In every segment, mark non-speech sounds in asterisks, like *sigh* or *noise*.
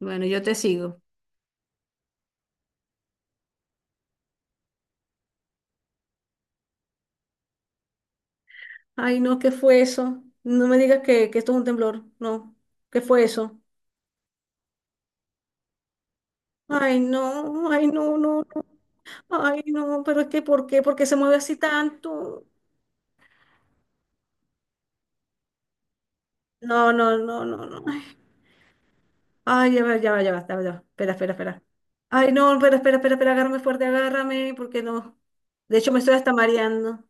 Bueno, yo te sigo. Ay, no, ¿qué fue eso? No me digas que esto es un temblor. No, ¿qué fue eso? Ay, no, no, no. Ay, no, pero es que ¿por qué? ¿Por qué se mueve así tanto? No, no, no, no, no. Ay, ay, ya va, ya va, ya va, ya va, ya va. Espera, espera, espera. Ay, no, espera, espera, espera, espera, agárrame fuerte, agárrame, porque no. De hecho, me estoy hasta mareando.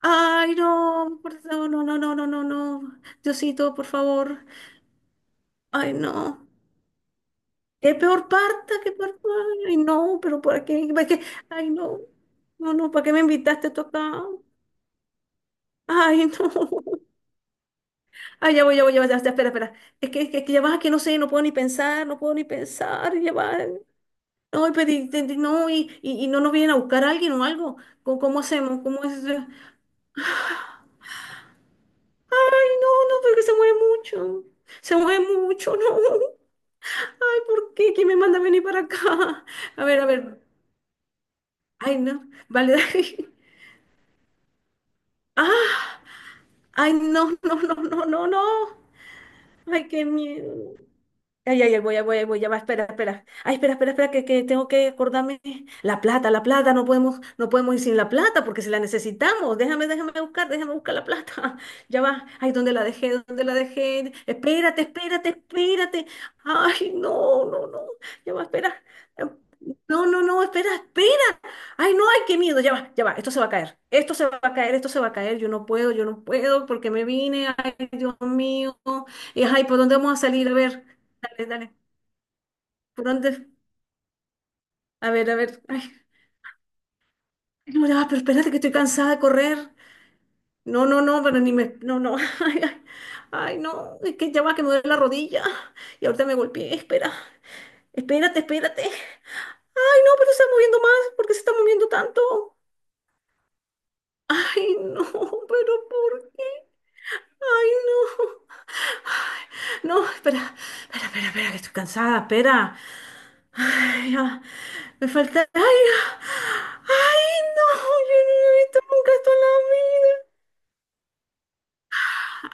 Ay, no, no, no, no, no, no, no, no. Diosito, por favor. Ay, no. ¿Qué peor parte? ¿Qué peor parta? Ay, no, pero ¿para qué? ¿Para qué? Ay, no, no, no, ¿para qué me invitaste tú acá? Ay, *laughs* no. Ay, ya voy, ya voy, ya voy, ya, ya, espera, espera. Es que ya vas, que no sé, no puedo ni pensar, no puedo ni pensar, ya va. No, pero no, y no nos vienen a buscar a alguien o algo. ¿Cómo, cómo hacemos? ¿Cómo es? Ay, no, no, porque se mueve mucho. Se mueve mucho, *laughs* no. Ay, ¿por qué? ¿Quién me manda a venir para acá? A ver, a ver. Ay, no. Vale, *laughs* dale. Ah. Ay, no, no, no, no, no, no. Ay, qué miedo. Ay, ay, ay, voy, ay, voy, ay, voy, ya va, espera, espera. Ay, espera, espera, espera, que tengo que acordarme. La plata, no podemos, no podemos ir sin la plata porque si la necesitamos. Déjame, déjame buscar la plata. *laughs* Ya va. Ay, ¿dónde la dejé? ¿Dónde la dejé? Espérate, espérate, espérate. Ay, no, no, no. Ya va, espera. No, no, no, espera, espera. Ay, no, ay, qué miedo. Ya va, ya va. Esto se va a caer. Esto se va a caer, esto se va a caer. Yo no puedo porque me vine. Ay, Dios mío. Y, ay, ¿por dónde vamos a salir? A ver. Dale, dale. ¿Por dónde? A ver, a ver. Ay, ay, no, ya, pero espérate que estoy cansada de correr. No, no, no, pero ni me. No, no. *laughs* Ay, ay, ay, no. Es que ya va que me duele la rodilla. Y ahorita me golpeé. Espera. Espérate, espérate. Ay, no, pero se está moviendo más. ¿Por qué se está moviendo tanto? Ay, no, *laughs* pero ¿por qué? Ay, no. No, espera, espera, espera, espera, que estoy cansada, espera. Ay, ah, me falta. Ay, ah, ay, no, yo no he visto nunca esto en la vida.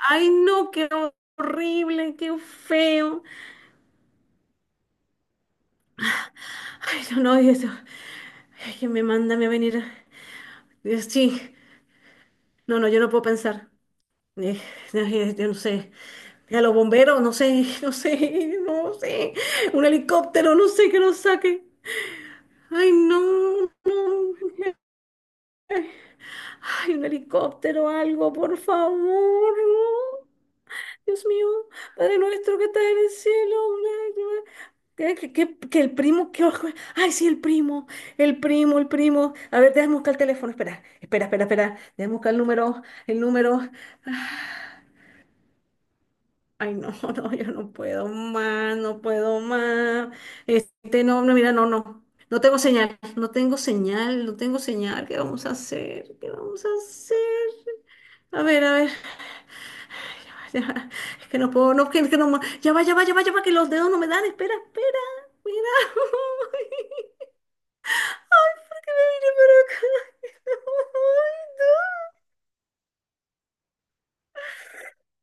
Ay, no, qué horrible, qué feo. Ay, no, no, y eso. Ay, que me manda a mí a venir. Sí, no, no, yo no puedo pensar. Eh, no, yo no sé. A los bomberos, no sé, *laughs* no sé, no sé. Un helicóptero, no sé que lo saque. Ay, no, no. Ay, un helicóptero, algo, por favor. No. Dios mío, Padre nuestro que estás en el cielo. Que, que el primo, que ay, sí, el primo, el primo, el primo. A ver, déjame buscar el teléfono, espera, espera, espera, espera, déjame buscar el número, el número. Ay, no, *laughs* no, yo no puedo más, no puedo más. Este, no, no, mira, no, no, no tengo señal, no tengo señal, no tengo señal. ¿Qué vamos a hacer? ¿Qué vamos a hacer? A ver, a ver. Ya va, *laughs* es que no puedo, no, que no, ya va, ya va, ya va, ya va, que los dedos no me dan, espera, espera, mira. *laughs* Ay, ¿por qué me vine para acá? *laughs* Ay, no,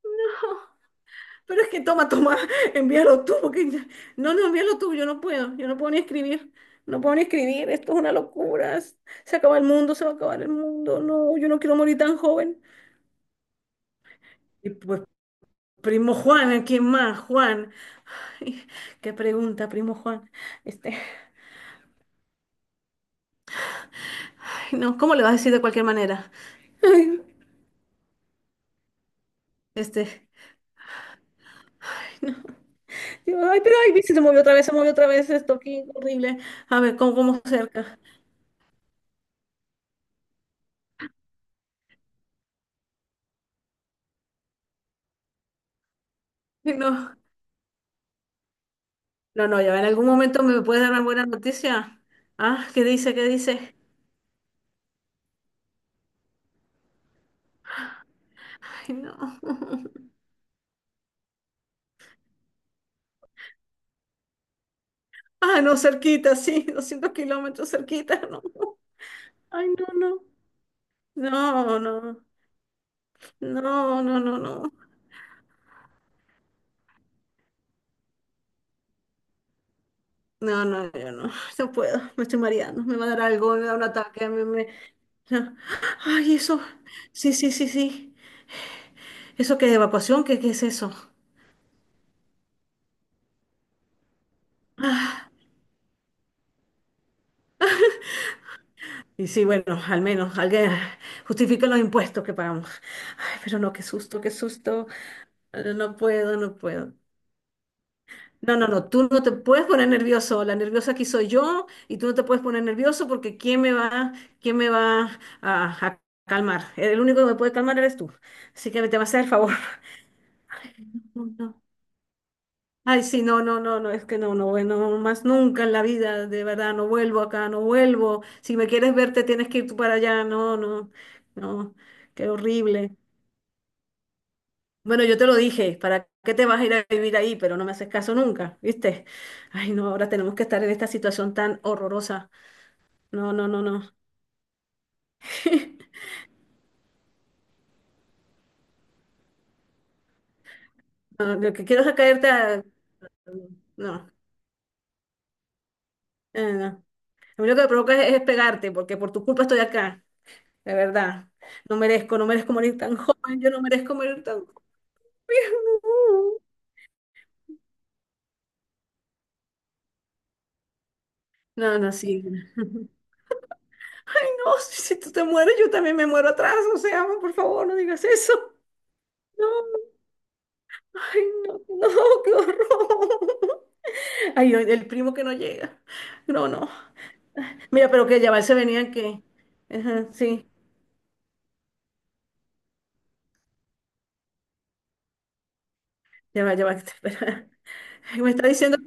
no. Pero es que toma, toma, envíalo tú, porque no, no, envíalo tú, yo no puedo ni escribir, no puedo ni escribir, esto es una locura, se acaba el mundo, se va a acabar el mundo, no, yo no quiero morir tan joven. Y pues, primo Juan, ¿a ¿quién más? Juan, *laughs* ay, qué pregunta, primo Juan, este. Ay, no, ¿cómo le vas a decir de cualquier manera? Ay, este, ay, no. Yo, ay, pero ay, viste, se movió otra vez, se movió otra vez esto aquí, horrible. A ver, ¿cómo, cómo cerca? Ay, no, no, no, ya en algún momento me puedes dar una buena noticia. Ah, ¿qué dice? ¿Qué dice? Ay, no. *laughs* Ah, no, cerquita, sí, 200 kilómetros cerquita, no. Ay, no, no. No, no, no, no, no, no. No, no, yo no, no puedo, me estoy mareando, me va a dar algo, me da un ataque, Ay, eso. Sí, sí, sí, sí. ¿Eso qué de evacuación? ¿Qué, qué es eso? Ah, y sí, bueno, al menos alguien justifica los impuestos que pagamos. Ay, pero no, qué susto, qué susto. No puedo, no puedo. No, no, no, tú no te puedes poner nervioso. La nerviosa aquí soy yo y tú no te puedes poner nervioso porque quién me va a calmar? El único que me puede calmar eres tú. Así que me te vas a hacer el favor. *laughs* Ay, sí, no, no, no, no, es que no, no, bueno, más nunca en la vida, de verdad, no vuelvo acá, no vuelvo. Si me quieres ver, te tienes que ir tú para allá, no, no, no, qué horrible. Bueno, yo te lo dije, ¿para qué te vas a ir a vivir ahí? Pero no me haces caso nunca, ¿viste? Ay, no, ahora tenemos que estar en esta situación tan horrorosa. No, no, no, no. No, lo que quiero es caerte a... No, no. A mí lo que me provoca es pegarte, porque por tu culpa estoy acá, de verdad. No merezco, no merezco morir tan joven, yo no merezco morir tan *laughs* no, no, no, sí. *laughs* Ay, no, si, si tú te mueres, yo también me muero atrás. O sea, amor, por favor, no digas eso. No, ay, no, no, *laughs* qué horror. Ay, el primo que no llega. No, no. Mira, pero que ya va, se venían que. Ajá, sí, ya va, ya va. *laughs* Espera. Ay, me está diciendo,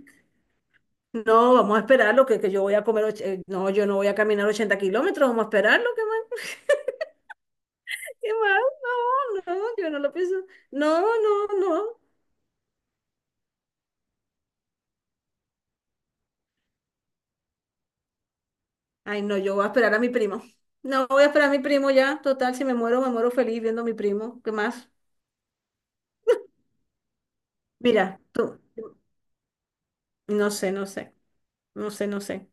no, vamos a esperarlo, que yo voy a comer. No, yo no voy a caminar 80 kilómetros, vamos a esperarlo, qué más, qué más. No, no, yo no lo pienso. No, no, no. Ay, no, yo voy a esperar a mi primo. No, voy a esperar a mi primo ya. Total, si me muero, me muero feliz viendo a mi primo. ¿Qué más? Mira, tú. No sé, no sé. No sé, no sé.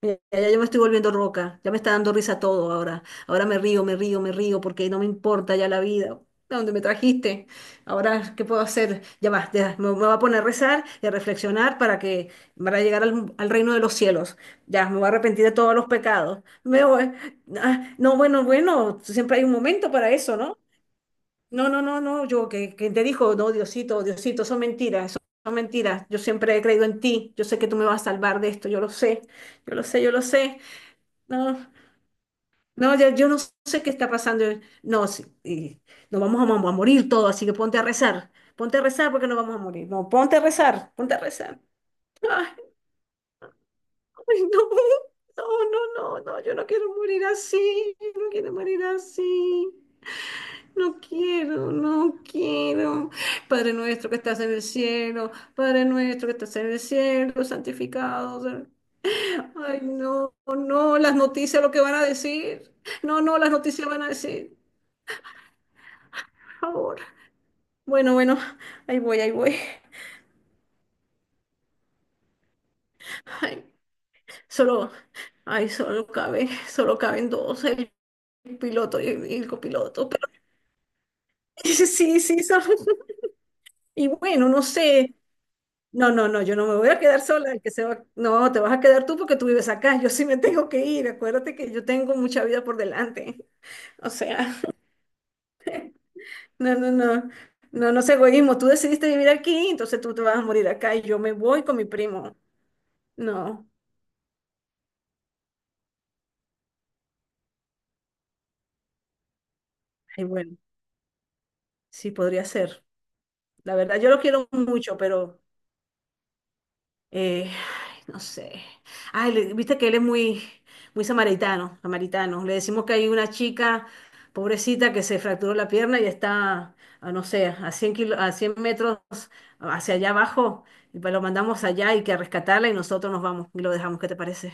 Mira, ya yo me estoy volviendo roca. Ya me está dando risa todo ahora. Ahora me río, me río, me río porque no me importa ya la vida. ¿A dónde me trajiste? Ahora, ¿qué puedo hacer? Ya va, ya, me voy a poner a rezar y a reflexionar para que para llegar al, al reino de los cielos. Ya, me voy a arrepentir de todos los pecados. Me voy. Ah, no, bueno, bueno, siempre hay un momento para eso, ¿no? No, no, no, no, yo que te dijo, no, Diosito, Diosito, son mentiras, son mentiras. Yo siempre he creído en ti, yo sé que tú me vas a salvar de esto, yo lo sé, yo lo sé, yo lo sé. No, no, yo no sé qué está pasando. No, sí, y nos vamos a, a morir todos, así que ponte a rezar porque nos vamos a morir. No, ponte a rezar, ponte a rezar. Ay, ay, no, *laughs* no, no, no, no, yo no quiero morir así, no quiero morir así. No quiero, no quiero. Padre nuestro que estás en el cielo, Padre nuestro que estás en el cielo, santificado sea- Ay, no, no, las noticias, lo que van a decir. No, no, las noticias van a decir. Ahora. Bueno, bueno, ahí voy, ahí voy. Ay, solo, ay, solo cabe, solo caben dos, el piloto y el copiloto. Pero *laughs* sí, sí, sí, solo- Y bueno, no sé. No, no, no, yo no me voy a quedar sola, el que se va- no, te vas a quedar tú porque tú vives acá, *laughs* yo sí me tengo que ir, acuérdate que yo tengo mucha vida por delante. O sea, *laughs* no, no, no, no, no es egoísmo, tú decidiste vivir aquí, entonces tú te vas a morir acá y yo me voy con mi primo. No, ay, bueno, sí podría ser. La verdad, yo lo quiero mucho, pero eh, ay, no sé. Ay, viste que él es muy, muy samaritano, samaritano. Le decimos que hay una chica, pobrecita, que se fracturó la pierna y está, a no sé, a a 100 metros hacia allá abajo. Y lo mandamos allá y que a rescatarla y nosotros nos vamos y lo dejamos. ¿Qué te parece?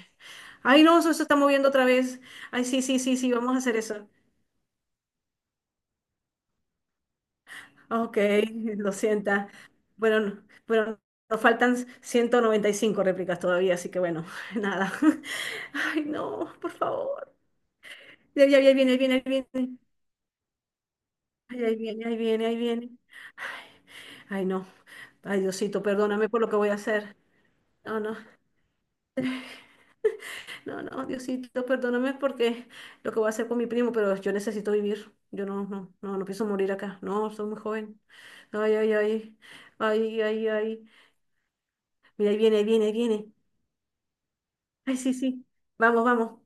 Ay, no, eso se está moviendo otra vez. Ay, sí, sí, sí, sí, vamos a hacer eso. Ah, ok, *laughs* lo sienta. Bueno, bueno, nos faltan 195 réplicas todavía, así que bueno, *laughs* nada. *laughs* Ay, no, por favor. Ya, ya, ya viene, ahí viene, ahí viene. Ay, ahí viene, ahí viene, ahí viene. Ay, ay, no. Ay, Diosito, perdóname por lo que voy a hacer. No, no. *sighs* No, no, Diosito, perdóname porque lo que voy a hacer con mi primo, pero yo necesito vivir. Yo no, no, no, no pienso morir acá. No, soy muy joven. Ay, ay, ay. Ay, ay, ay. Mira, ahí viene, ahí viene, ahí viene. Ay, sí, sí. Vamos, vamos.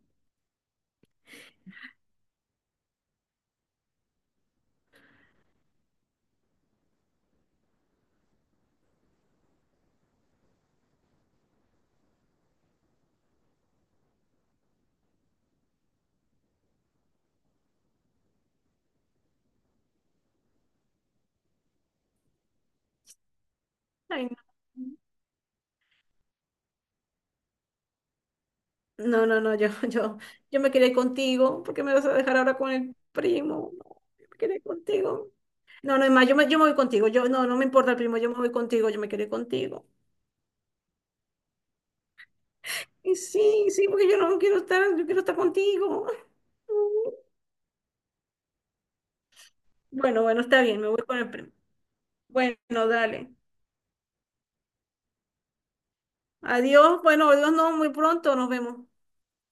Ay, no. No, no, no, yo, *laughs* yo me quedé contigo. ¿Porque me vas a dejar ahora con el primo? No, yo me quedé contigo. No, no, es más, yo me voy contigo. Yo, no, no me importa el primo, yo me voy contigo, yo me quedé contigo. Y sí, sí, porque yo no quiero estar, yo quiero estar contigo. *laughs* Bueno, bueno, está bien, me voy con el primo. Bueno, dale. Adiós. Bueno, adiós, no, muy pronto nos vemos.